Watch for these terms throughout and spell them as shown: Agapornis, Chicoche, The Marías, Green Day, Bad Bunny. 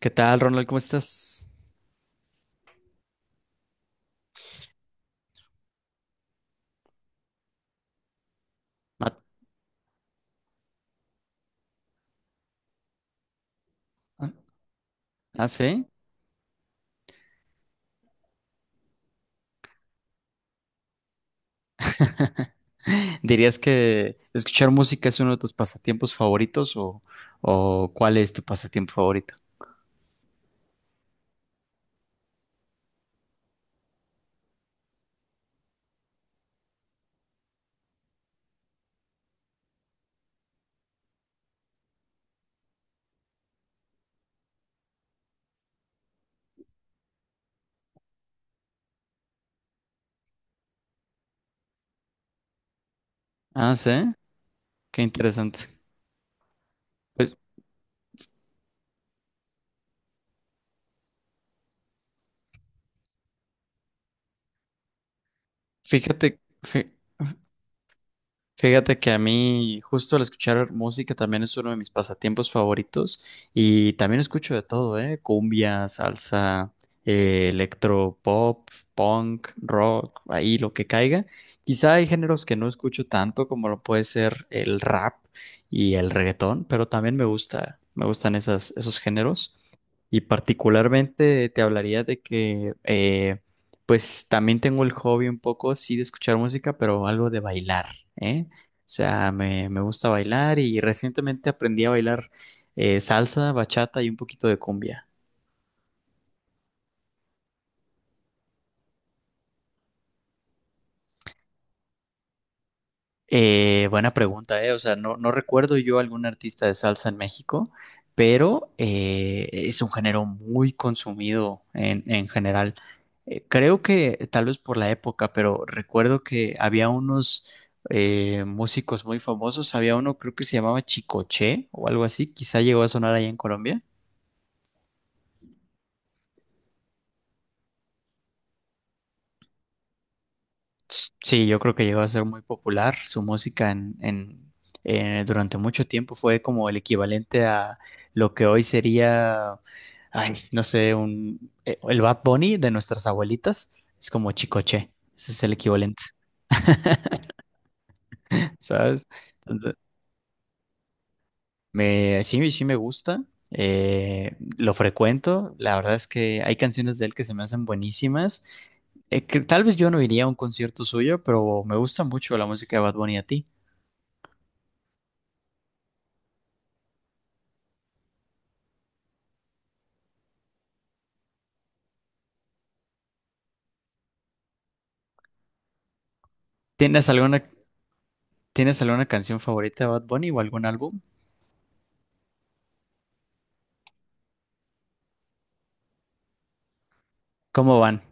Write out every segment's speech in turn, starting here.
¿Qué tal, Ronald? ¿Cómo estás? Ah, ah, ¿Sí? ¿Dirías que escuchar música es uno de tus pasatiempos favoritos o cuál es tu pasatiempo favorito? Ah, ¿sí? Qué interesante. Pues fíjate, fí- Fíjate que a mí justo al escuchar música también es uno de mis pasatiempos favoritos y también escucho de todo, ¿eh? Cumbia, salsa, electro, pop, punk, rock, ahí lo que caiga. Quizá hay géneros que no escucho tanto como lo puede ser el rap y el reggaetón, pero también me gustan esos géneros y particularmente te hablaría de que pues también tengo el hobby un poco, sí, de escuchar música, pero algo de bailar. ¿Eh? O sea, me gusta bailar y recientemente aprendí a bailar salsa, bachata y un poquito de cumbia. Buena pregunta, ¿eh? O sea, no, no recuerdo yo algún artista de salsa en México, pero es un género muy consumido en general. Creo que tal vez por la época, pero recuerdo que había unos músicos muy famosos. Había uno, creo que se llamaba Chicoche o algo así, quizá llegó a sonar allá en Colombia. Sí, yo creo que llegó a ser muy popular. Su música durante mucho tiempo fue como el equivalente a lo que hoy sería, ay, no sé, el Bad Bunny de nuestras abuelitas. Es como Chicoche. Ese es el equivalente, ¿sabes? Sí, sí me gusta, lo frecuento, la verdad es que hay canciones de él que se me hacen buenísimas. Que tal vez yo no iría a un concierto suyo, pero me gusta mucho la música de Bad Bunny a ti. ¿Tienes alguna, ¿tienes alguna canción favorita de Bad Bunny o algún álbum? ¿Cómo van?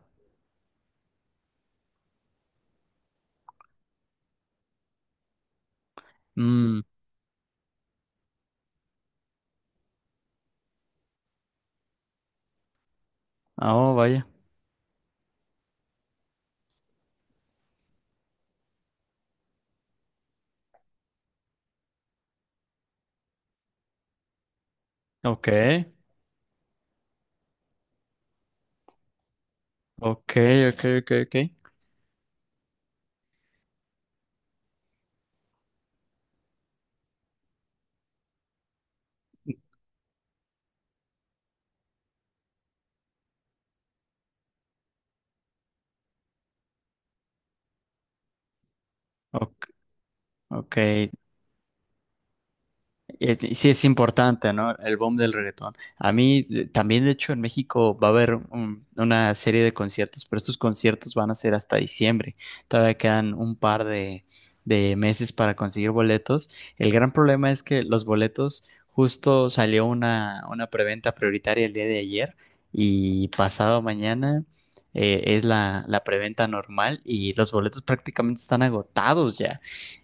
Mm, oh, vaya. Ok, ok, ok, ok, ok. Ok, ok. Sí, es importante, ¿no? El boom del reggaetón. A mí también, de hecho, en México va a haber una serie de conciertos, pero estos conciertos van a ser hasta diciembre. Todavía quedan un par de meses para conseguir boletos. El gran problema es que los boletos, justo salió una preventa prioritaria el día de ayer y pasado mañana es la preventa normal y los boletos prácticamente están agotados ya.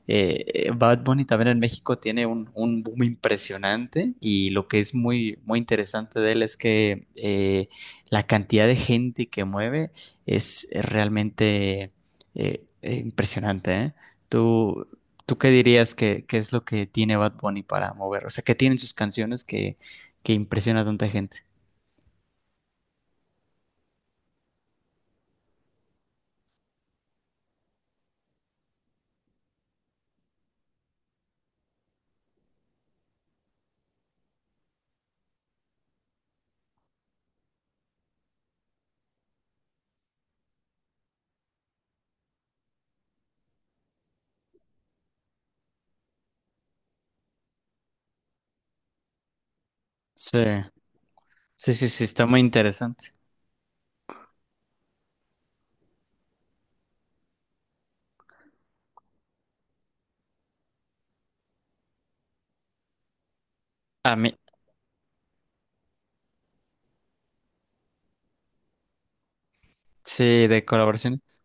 Bad Bunny también en México tiene un boom impresionante y lo que es muy, muy interesante de él es que la cantidad de gente que mueve es realmente impresionante, ¿eh? ¿Tú, ¿tú qué dirías que es lo que tiene Bad Bunny para mover? O sea, ¿qué tienen sus canciones que impresiona a tanta gente? Sí, sí, sí, sí, está muy interesante. A mí, sí, de colaboraciones.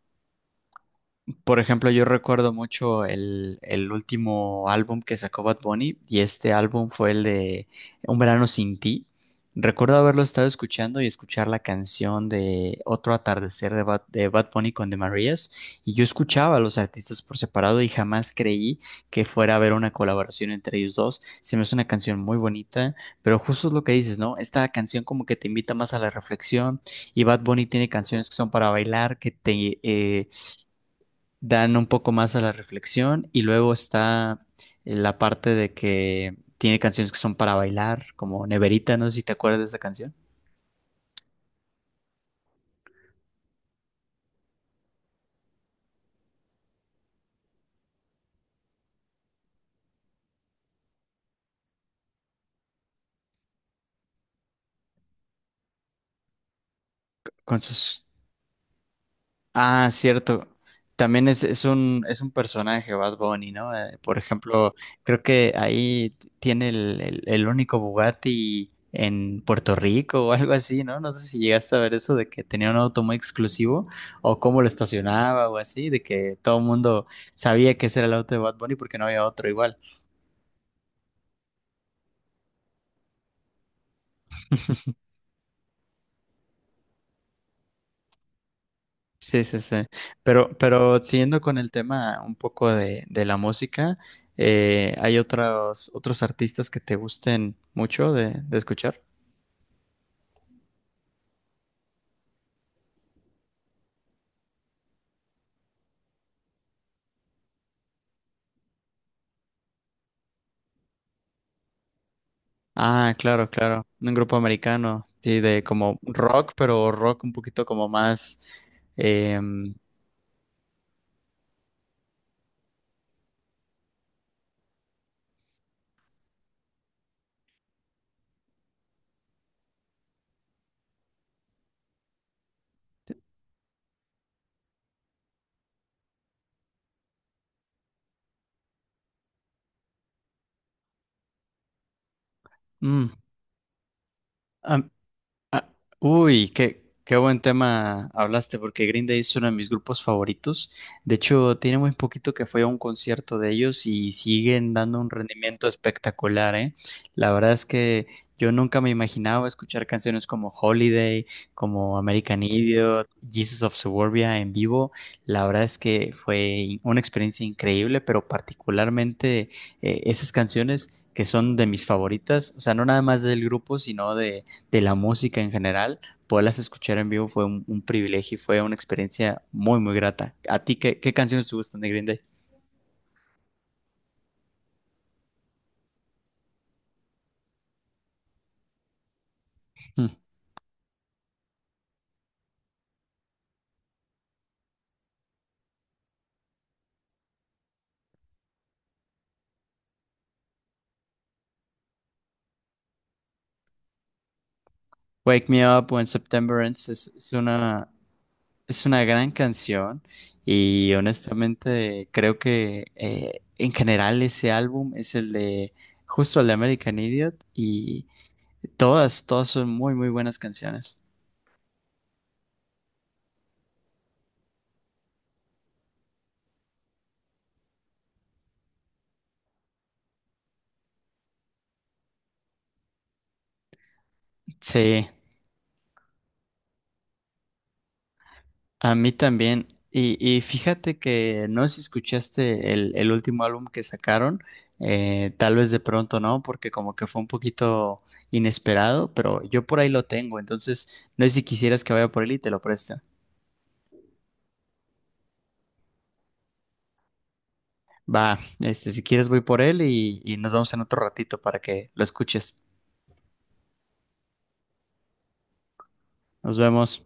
Por ejemplo, yo recuerdo mucho el último álbum que sacó Bad Bunny y este álbum fue el de Un verano sin ti. Recuerdo haberlo estado escuchando y escuchar la canción de Otro atardecer de de Bad Bunny con The Marías y yo escuchaba a los artistas por separado y jamás creí que fuera a haber una colaboración entre ellos dos. Se me hace una canción muy bonita, pero justo es lo que dices, ¿no? Esta canción como que te invita más a la reflexión y Bad Bunny tiene canciones que son para bailar, que te... dan un poco más a la reflexión y luego está la parte de que tiene canciones que son para bailar, como Neverita, no sé si te acuerdas de esa canción, con sus... Ah, cierto. También es un personaje Bad Bunny, ¿no? Por ejemplo, creo que ahí tiene el único Bugatti en Puerto Rico o algo así, ¿no? No sé si llegaste a ver eso de que tenía un auto muy exclusivo o cómo lo estacionaba o así, de que todo el mundo sabía que ese era el auto de Bad Bunny porque no había otro igual. Sí, sí, sí. Pero siguiendo con el tema un poco de la música, ¿hay otros artistas que te gusten mucho de escuchar? Ah, claro, claro. Un grupo americano, sí, de como rock, pero rock un poquito como más... em, mm, am- Ah, uy, qué buen tema hablaste, porque Green Day es uno de mis grupos favoritos. De hecho, tiene muy poquito que fui a un concierto de ellos y siguen dando un rendimiento espectacular, ¿eh? La verdad es que yo nunca me imaginaba escuchar canciones como Holiday, como American Idiot, Jesus of Suburbia en vivo. La verdad es que fue una experiencia increíble, pero particularmente esas canciones que son de mis favoritas, o sea, no nada más del grupo, sino de la música en general, poderlas escuchar en vivo fue un privilegio y fue una experiencia muy, muy grata. ¿A ti qué, qué canciones te gustan de Green Day? Hmm. Wake Me Up When September Ends es una gran canción y honestamente creo que en general ese álbum es el de justo el de American Idiot y todas, todas son muy, muy buenas canciones. Sí. A mí también. Y fíjate que no sé si escuchaste el último álbum que sacaron, tal vez de pronto no, porque como que fue un poquito inesperado, pero yo por ahí lo tengo, entonces no sé si quisieras que vaya por él y te lo preste. Va, este, si quieres voy por él y nos vemos en otro ratito para que lo escuches. Nos vemos.